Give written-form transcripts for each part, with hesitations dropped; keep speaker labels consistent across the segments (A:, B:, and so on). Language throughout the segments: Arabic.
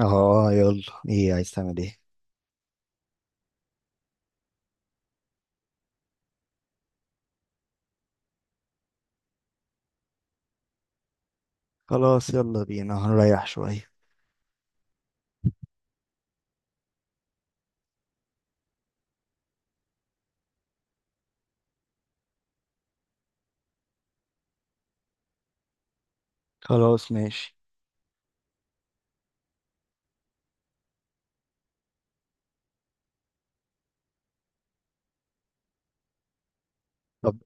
A: اه، يلا. ايه عايز تعمل ايه؟ خلاص يلا بينا هنريح شوية. خلاص ماشي. طب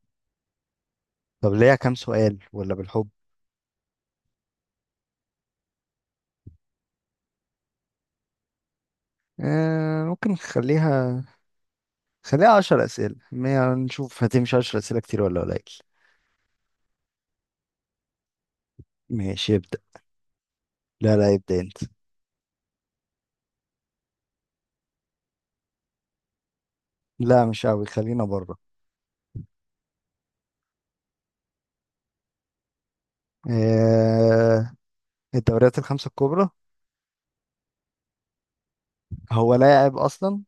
A: طب ليها كام سؤال ولا بالحب؟ آه ممكن نخليها، خليها عشر أسئلة ما نشوف هتمشي عشر أسئلة كتير ولا قليل. ماشي ابدأ. لا لا، ابدأ انت. لا مش قوي، خلينا بره. آه، الدوريات الخمسة الكبرى؟ هو لاعب أصلا؟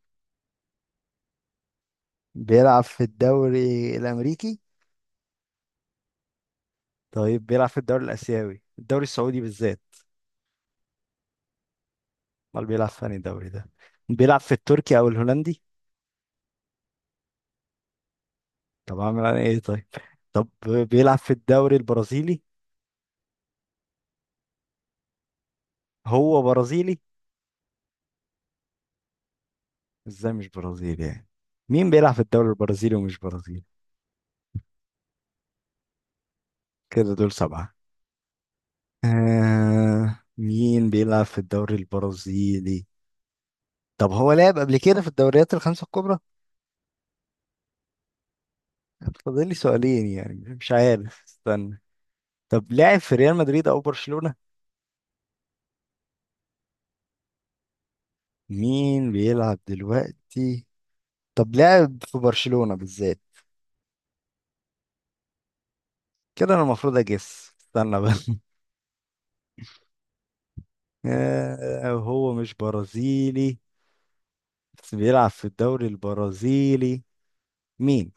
A: بيلعب في الدوري الأمريكي؟ طيب بيلعب في الدوري الآسيوي، الدوري السعودي بالذات؟ امال بيلعب في أنهي دوري ده؟ بيلعب في التركي او الهولندي؟ طب اعمل انا ايه طيب. طب بيلعب في الدوري البرازيلي. هو برازيلي؟ ازاي مش برازيلي يعني؟ مين بيلعب في الدوري البرازيلي ومش برازيلي؟ كده دول سبعة. آه، مين بيلعب في الدوري البرازيلي؟ طب هو لعب قبل كده في الدوريات الخمسة الكبرى؟ فاضل لي سؤالين يعني، مش عارف، استنى. طب لعب في ريال مدريد او برشلونة؟ مين بيلعب دلوقتي؟ طب لعب في برشلونة بالذات؟ كده انا المفروض اجس، استنى بس. آه، هو مش برازيلي بس بيلعب في الدوري البرازيلي؟ مين؟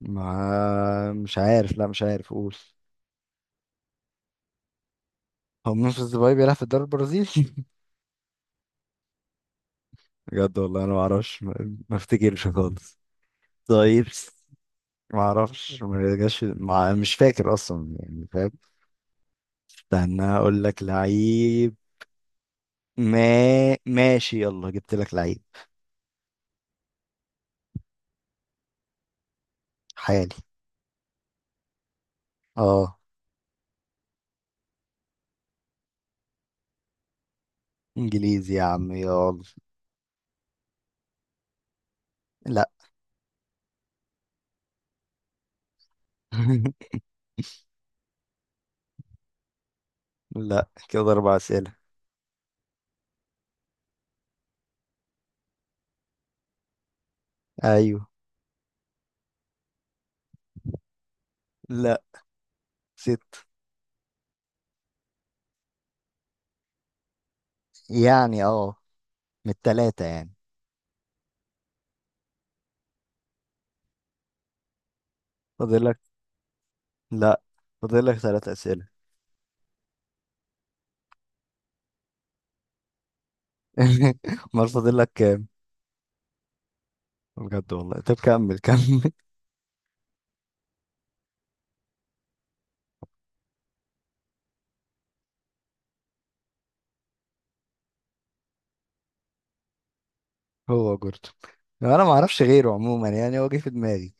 A: ما مش عارف، لا مش عارف، قول. هو منفذ ديباي بيلعب في الدوري البرازيلي؟ بجد والله انا ما اعرفش، ما افتكرش خالص. طيب ما اعرفش، ما جاش، ما مش فاكر اصلا يعني فاهم. استنى اقول لك لعيب. ما ماشي، يلا جبت لك لعيب. حالي. اه. انجليزي يا عم، يلا. لا. لا، كده أربع أسئلة. أيوه. لا، ست يعني. اه، من التلاتة يعني. فاضلك. لا، فاضلك ثلاث أسئلة. أمال فاضلك كام؟ بجد والله، طب كمل كمل. هو جوردن. انا ما اعرفش غيره عموما يعني، هو جه في دماغي.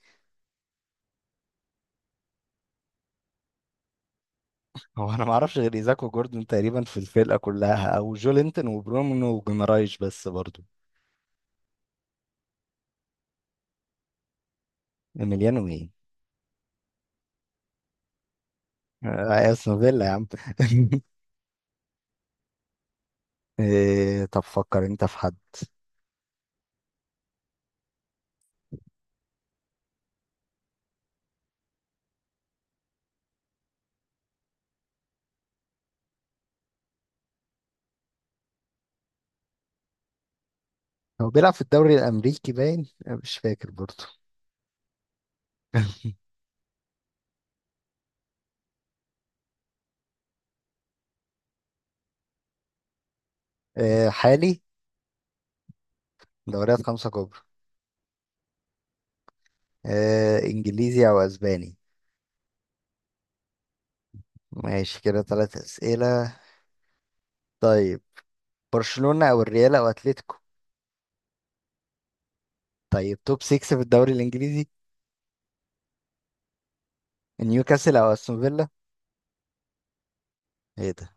A: هو أنا ما أعرفش غير إيزاك وجوردن تقريبا في الفرقة كلها، أو جولينتون وبرونو وجيمرايش بس برضو. إيميليانو مين؟ آه، أستون فيلا يا عم. إيه، طب فكر انت في حد. هو بيلعب في الدوري الأمريكي باين، مش فاكر برضه. آه، حالي. دوريات خمسة كبرى. آه، إنجليزي أو أسباني. ماشي كده ثلاث أسئلة. طيب برشلونة أو الريال أو أتلتيكو؟ طيب توب 6 في الدوري الإنجليزي؟ نيوكاسل أو أستون فيلا؟ إيه ده؟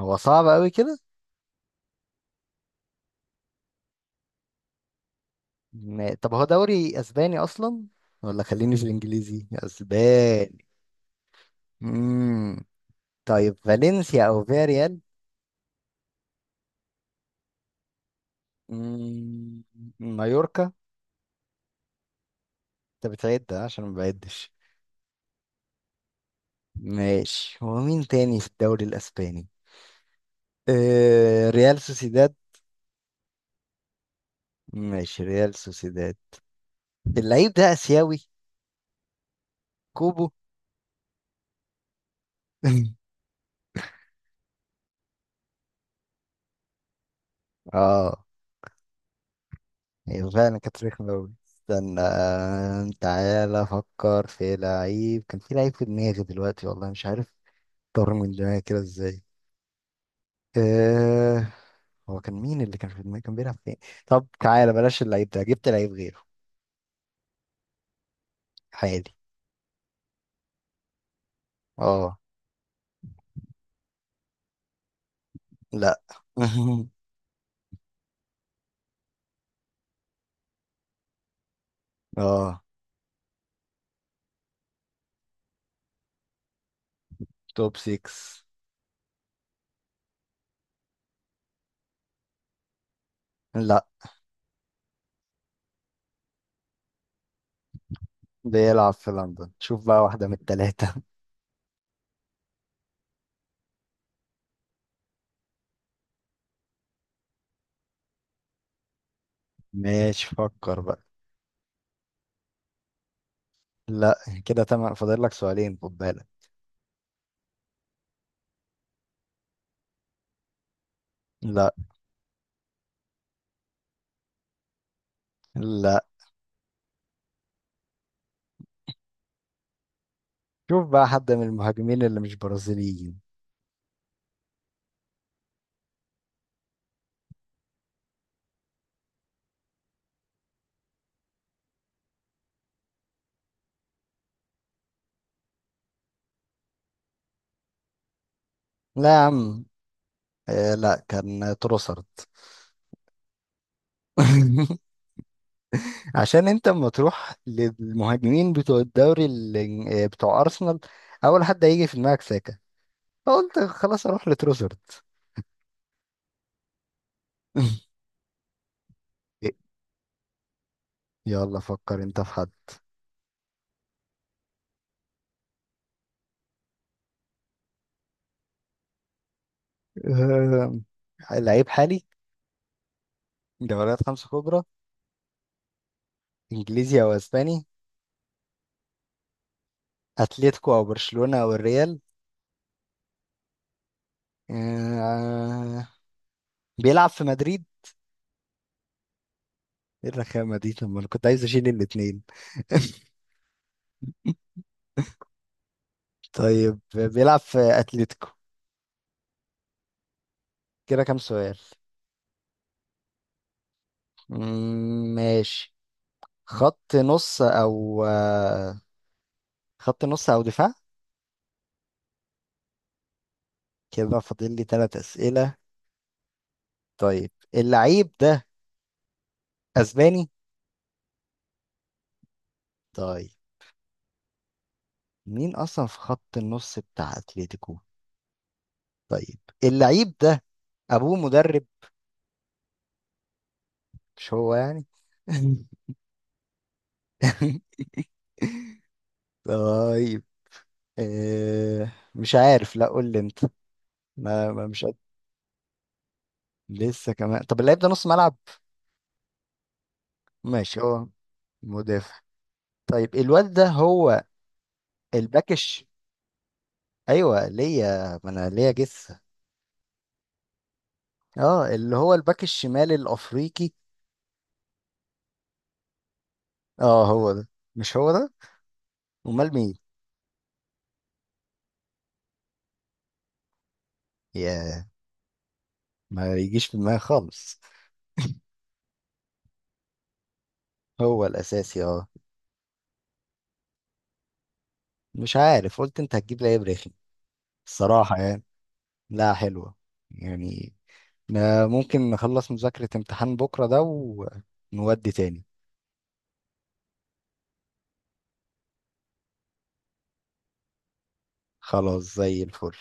A: هو صعب أوي كده. طب هو دوري أسباني أصلا ولا؟ خليني في الإنجليزي أسباني. مم. طيب فالنسيا أو فياريال؟ مم. مايوركا؟ انت بتعد عشان ما بعدش. ماشي، هو مين تاني في الدوري الاسباني؟ آه، ريال سوسيداد. ماشي، ريال سوسيداد. اللعيب ده اسيوي؟ كوبو؟ اه. ايوه فعلا كانت رخمة أوي. استنى، تعالى افكر في لعيب، كان في لعيب في دماغي دلوقتي والله مش عارف. طار من دماغي كده ازاي. آه. هو كان مين اللي كان في دماغي، كان بيلعب فين؟ طب تعالى بلاش اللعيب ده، جبت لعيب غيره. حالي. اه. لا. اه، توب 6. لا. بيلعب في لندن، شوف بقى واحدة من التلاتة. ماشي فكر بقى. لا. كده تمام، فاضل لك سؤالين، خد بالك. لا. لا، شوف بقى حد من المهاجمين اللي مش برازيليين. لا يا عم. آه، لا كان تروسارد. عشان انت اما تروح للمهاجمين بتوع الدوري بتوع ارسنال، اول حد هيجي في دماغك ساكا، فقلت خلاص اروح لتروسارد. يلا فكر انت في حد. آه، لعيب حالي. دوريات خمسة كبرى. انجليزي او اسباني. اتلتيكو او برشلونة او الريال. آه... بيلعب في مدريد؟ ايه الرخامة دي، طب ما انا كنت عايز اشيل الاتنين. طيب بيلعب في اتلتيكو؟ كده كام سؤال؟ مم، ماشي. خط نص او آه، خط نص او دفاع؟ كده فاضل لي ثلاث اسئله. طيب اللعيب ده اسباني؟ طيب مين اصلا في خط النص بتاع اتلتيكو؟ طيب اللعيب ده ابوه مدرب؟ مش هو يعني؟ طيب آه، مش عارف، لا قول لي انت. ما ما- مش قد- لسه كمان، طب اللعيب ده نص ملعب؟ ماشي، هو مدافع. طيب الواد ده هو الباك الش؟ ايوه ليا، ما انا ليا جثه. اه، اللي هو الباك الشمال الافريقي. اه هو ده. مش هو ده؟ امال مين؟ يا، ما يجيش في دماغي خالص. هو الاساسي اه. مش عارف، قلت انت هتجيب لعيب رخم الصراحه يعني. لا، حلوه يعني. آه، ممكن نخلص مذاكرة امتحان بكرة ده ونودي تاني. خلاص زي الفل.